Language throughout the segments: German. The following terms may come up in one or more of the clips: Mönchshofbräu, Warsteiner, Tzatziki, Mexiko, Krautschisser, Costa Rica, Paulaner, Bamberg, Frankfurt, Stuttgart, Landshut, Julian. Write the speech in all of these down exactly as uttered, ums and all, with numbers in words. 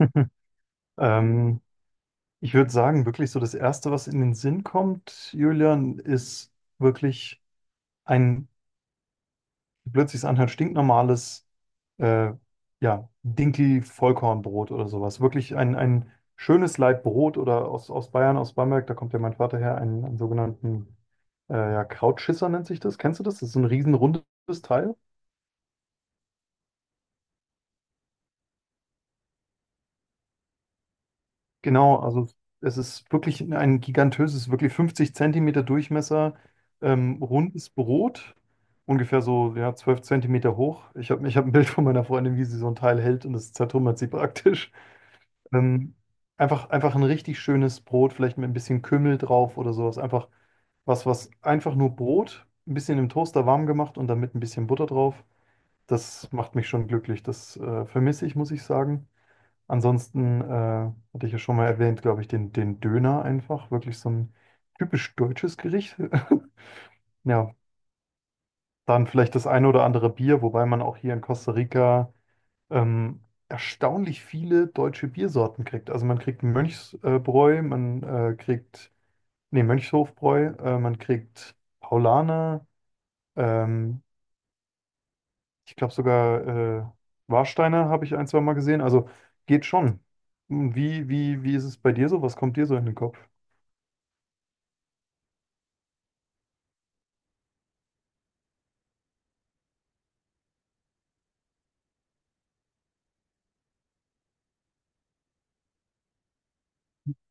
Ähm, ich würde sagen, wirklich so das Erste, was in den Sinn kommt, Julian, ist wirklich ein, wie blöd sich's anhört, stinknormales, äh, ja, Dinkel-Vollkornbrot oder sowas. Wirklich ein, ein schönes Laib Brot oder aus, aus Bayern, aus Bamberg, da kommt ja mein Vater her, einen, einen sogenannten, äh, ja, Krautschisser nennt sich das. Kennst du das? Das ist so ein riesenrundes Teil. Genau, also es ist wirklich ein gigantöses, wirklich fünfzig Zentimeter Durchmesser, ähm, rundes Brot, ungefähr so ja, zwölf Zentimeter hoch. Ich habe ich hab ein Bild von meiner Freundin, wie sie so ein Teil hält und das zertrümmert sie praktisch. Ähm, einfach, einfach ein richtig schönes Brot, vielleicht mit ein bisschen Kümmel drauf oder sowas. Einfach was, was einfach nur Brot, ein bisschen im Toaster warm gemacht und dann mit ein bisschen Butter drauf. Das macht mich schon glücklich. Das äh, vermisse ich, muss ich sagen. Ansonsten äh, hatte ich ja schon mal erwähnt, glaube ich, den, den Döner einfach. Wirklich so ein typisch deutsches Gericht. Ja, dann vielleicht das eine oder andere Bier, wobei man auch hier in Costa Rica ähm, erstaunlich viele deutsche Biersorten kriegt. Also man kriegt Mönchsbräu, man äh, kriegt, nee, Mönchshofbräu, äh, man kriegt Paulaner, ähm, ich glaube sogar äh, Warsteiner habe ich ein, zwei Mal gesehen. Also geht schon. Hm, Wie, wie, wie ist es bei dir so? Was kommt dir so in den Kopf?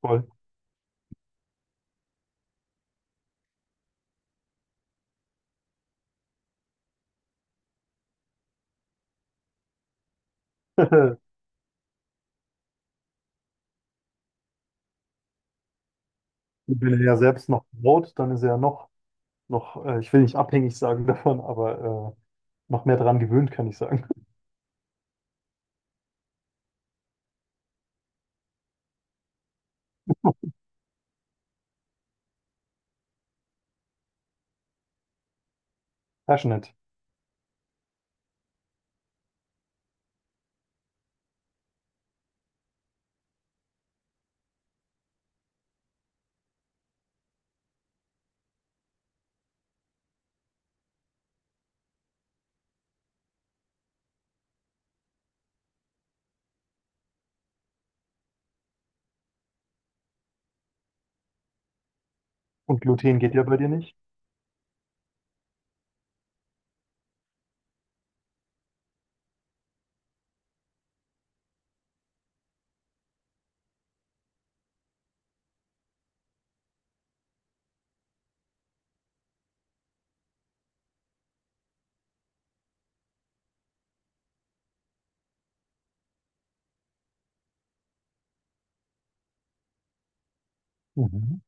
Voll. Und Wenn er ja selbst noch braut, dann ist er ja noch, noch äh, ich will nicht abhängig sagen davon, aber äh, noch mehr dran gewöhnt, kann ich sagen. Passionate. Und Gluten geht ja bei dir nicht. Mhm.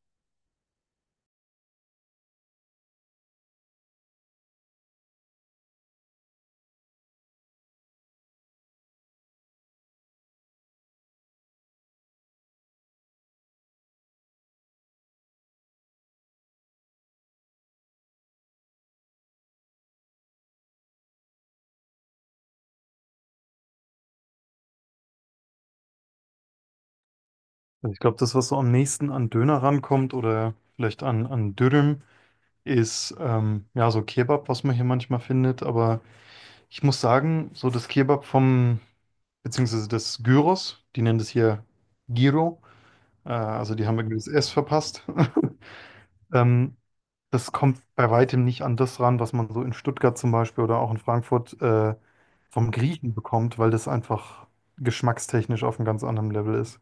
Also ich glaube, das, was so am nächsten an Döner rankommt oder vielleicht an, an Dürüm, ist ähm, ja so Kebab, was man hier manchmal findet. Aber ich muss sagen, so das Kebab vom, beziehungsweise das Gyros, die nennen das hier Gyro, äh, also die haben irgendwie das S verpasst. Ähm, das kommt bei weitem nicht an das ran, was man so in Stuttgart zum Beispiel oder auch in Frankfurt äh, vom Griechen bekommt, weil das einfach geschmackstechnisch auf einem ganz anderen Level ist.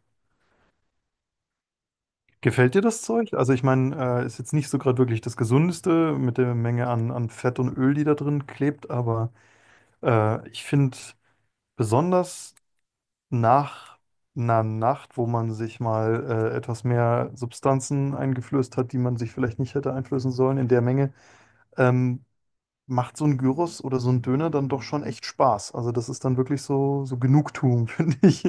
Gefällt dir das Zeug? Also ich meine, äh, ist jetzt nicht so gerade wirklich das Gesundeste mit der Menge an, an Fett und Öl, die da drin klebt, aber äh, ich finde besonders nach einer Nacht, wo man sich mal äh, etwas mehr Substanzen eingeflößt hat, die man sich vielleicht nicht hätte einflößen sollen in der Menge, ähm, macht so ein Gyros oder so ein Döner dann doch schon echt Spaß. Also das ist dann wirklich so, so Genugtuung, finde ich.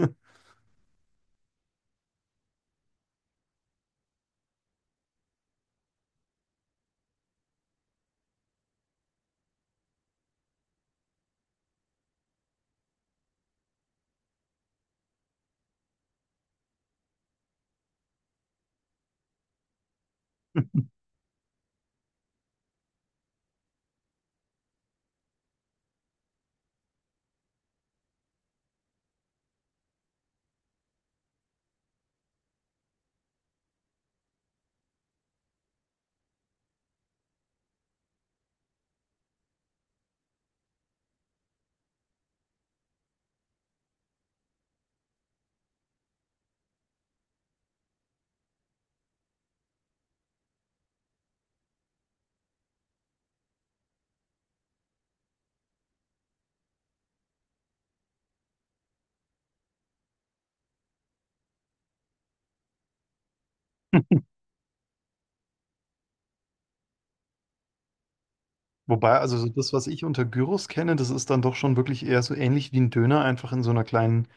Wobei, also so das, was ich unter Gyros kenne, das ist dann doch schon wirklich eher so ähnlich wie ein Döner, einfach in so einer kleinen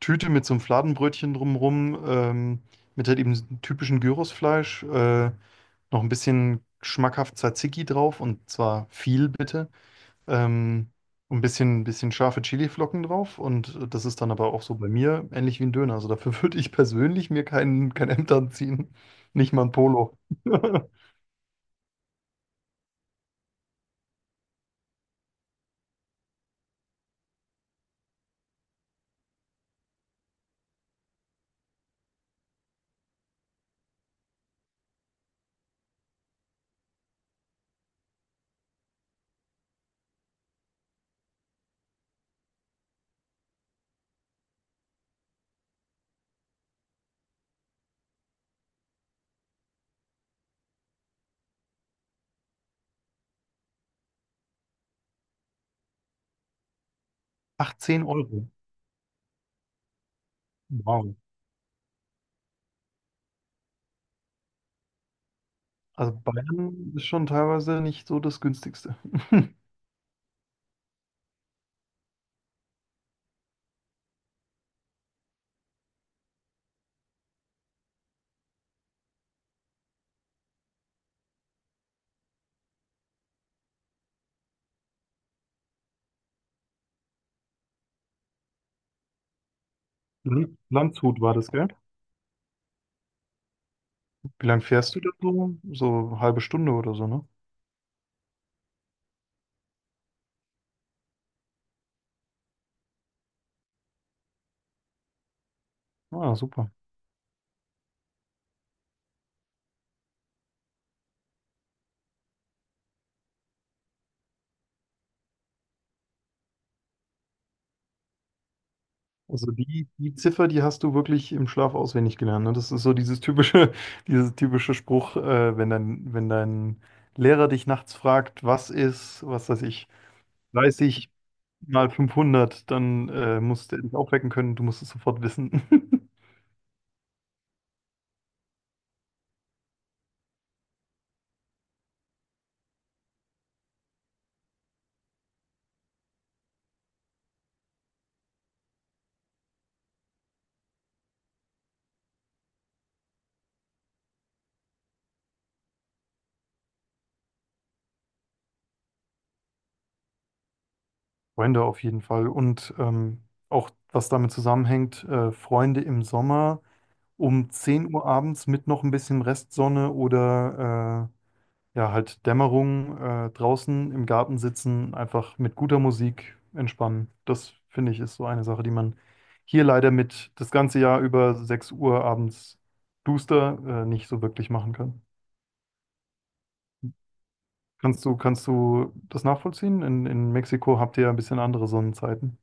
Tüte mit so einem Fladenbrötchen drumrum, ähm, mit halt eben diesem typischen Gyrosfleisch, äh, noch ein bisschen schmackhaft Tzatziki drauf und zwar viel bitte. Ähm, ein bisschen, bisschen scharfe Chiliflocken drauf. Und äh, das ist dann aber auch so bei mir ähnlich wie ein Döner. Also dafür würde ich persönlich mir keinen kein Hemd anziehen. Nicht mal ein Polo. achtzehn Euro. Wow. Also Bayern ist schon teilweise nicht so das günstigste. Land- Landshut war das, gell? Wie lange fährst du da so? So eine halbe Stunde oder so, ne? Ah, super. Also die, die Ziffer, die hast du wirklich im Schlaf auswendig gelernt. Ne? Das ist so dieses typische, dieses typische Spruch, äh, wenn dein, wenn dein Lehrer dich nachts fragt, was ist, was weiß ich, dreißig mal fünfhundert dann äh, musst du dich aufwecken können, du musst es sofort wissen. Freunde auf jeden Fall. Und ähm, auch was damit zusammenhängt, äh, Freunde im Sommer um zehn Uhr abends mit noch ein bisschen Restsonne oder äh, ja, halt Dämmerung, äh, draußen im Garten sitzen, einfach mit guter Musik entspannen. Das finde ich ist so eine Sache, die man hier leider mit das ganze Jahr über sechs Uhr abends duster, äh, nicht so wirklich machen kann. Kannst du, kannst du das nachvollziehen? In, in Mexiko habt ihr ja ein bisschen andere Sonnenzeiten.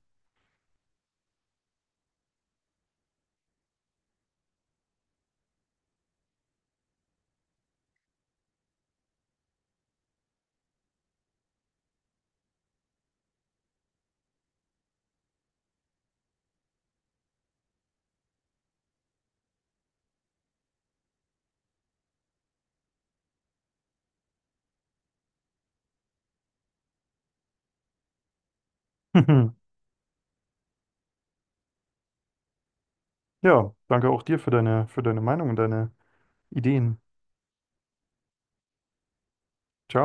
Ja, danke auch dir für deine, für deine Meinung und deine Ideen. Ciao.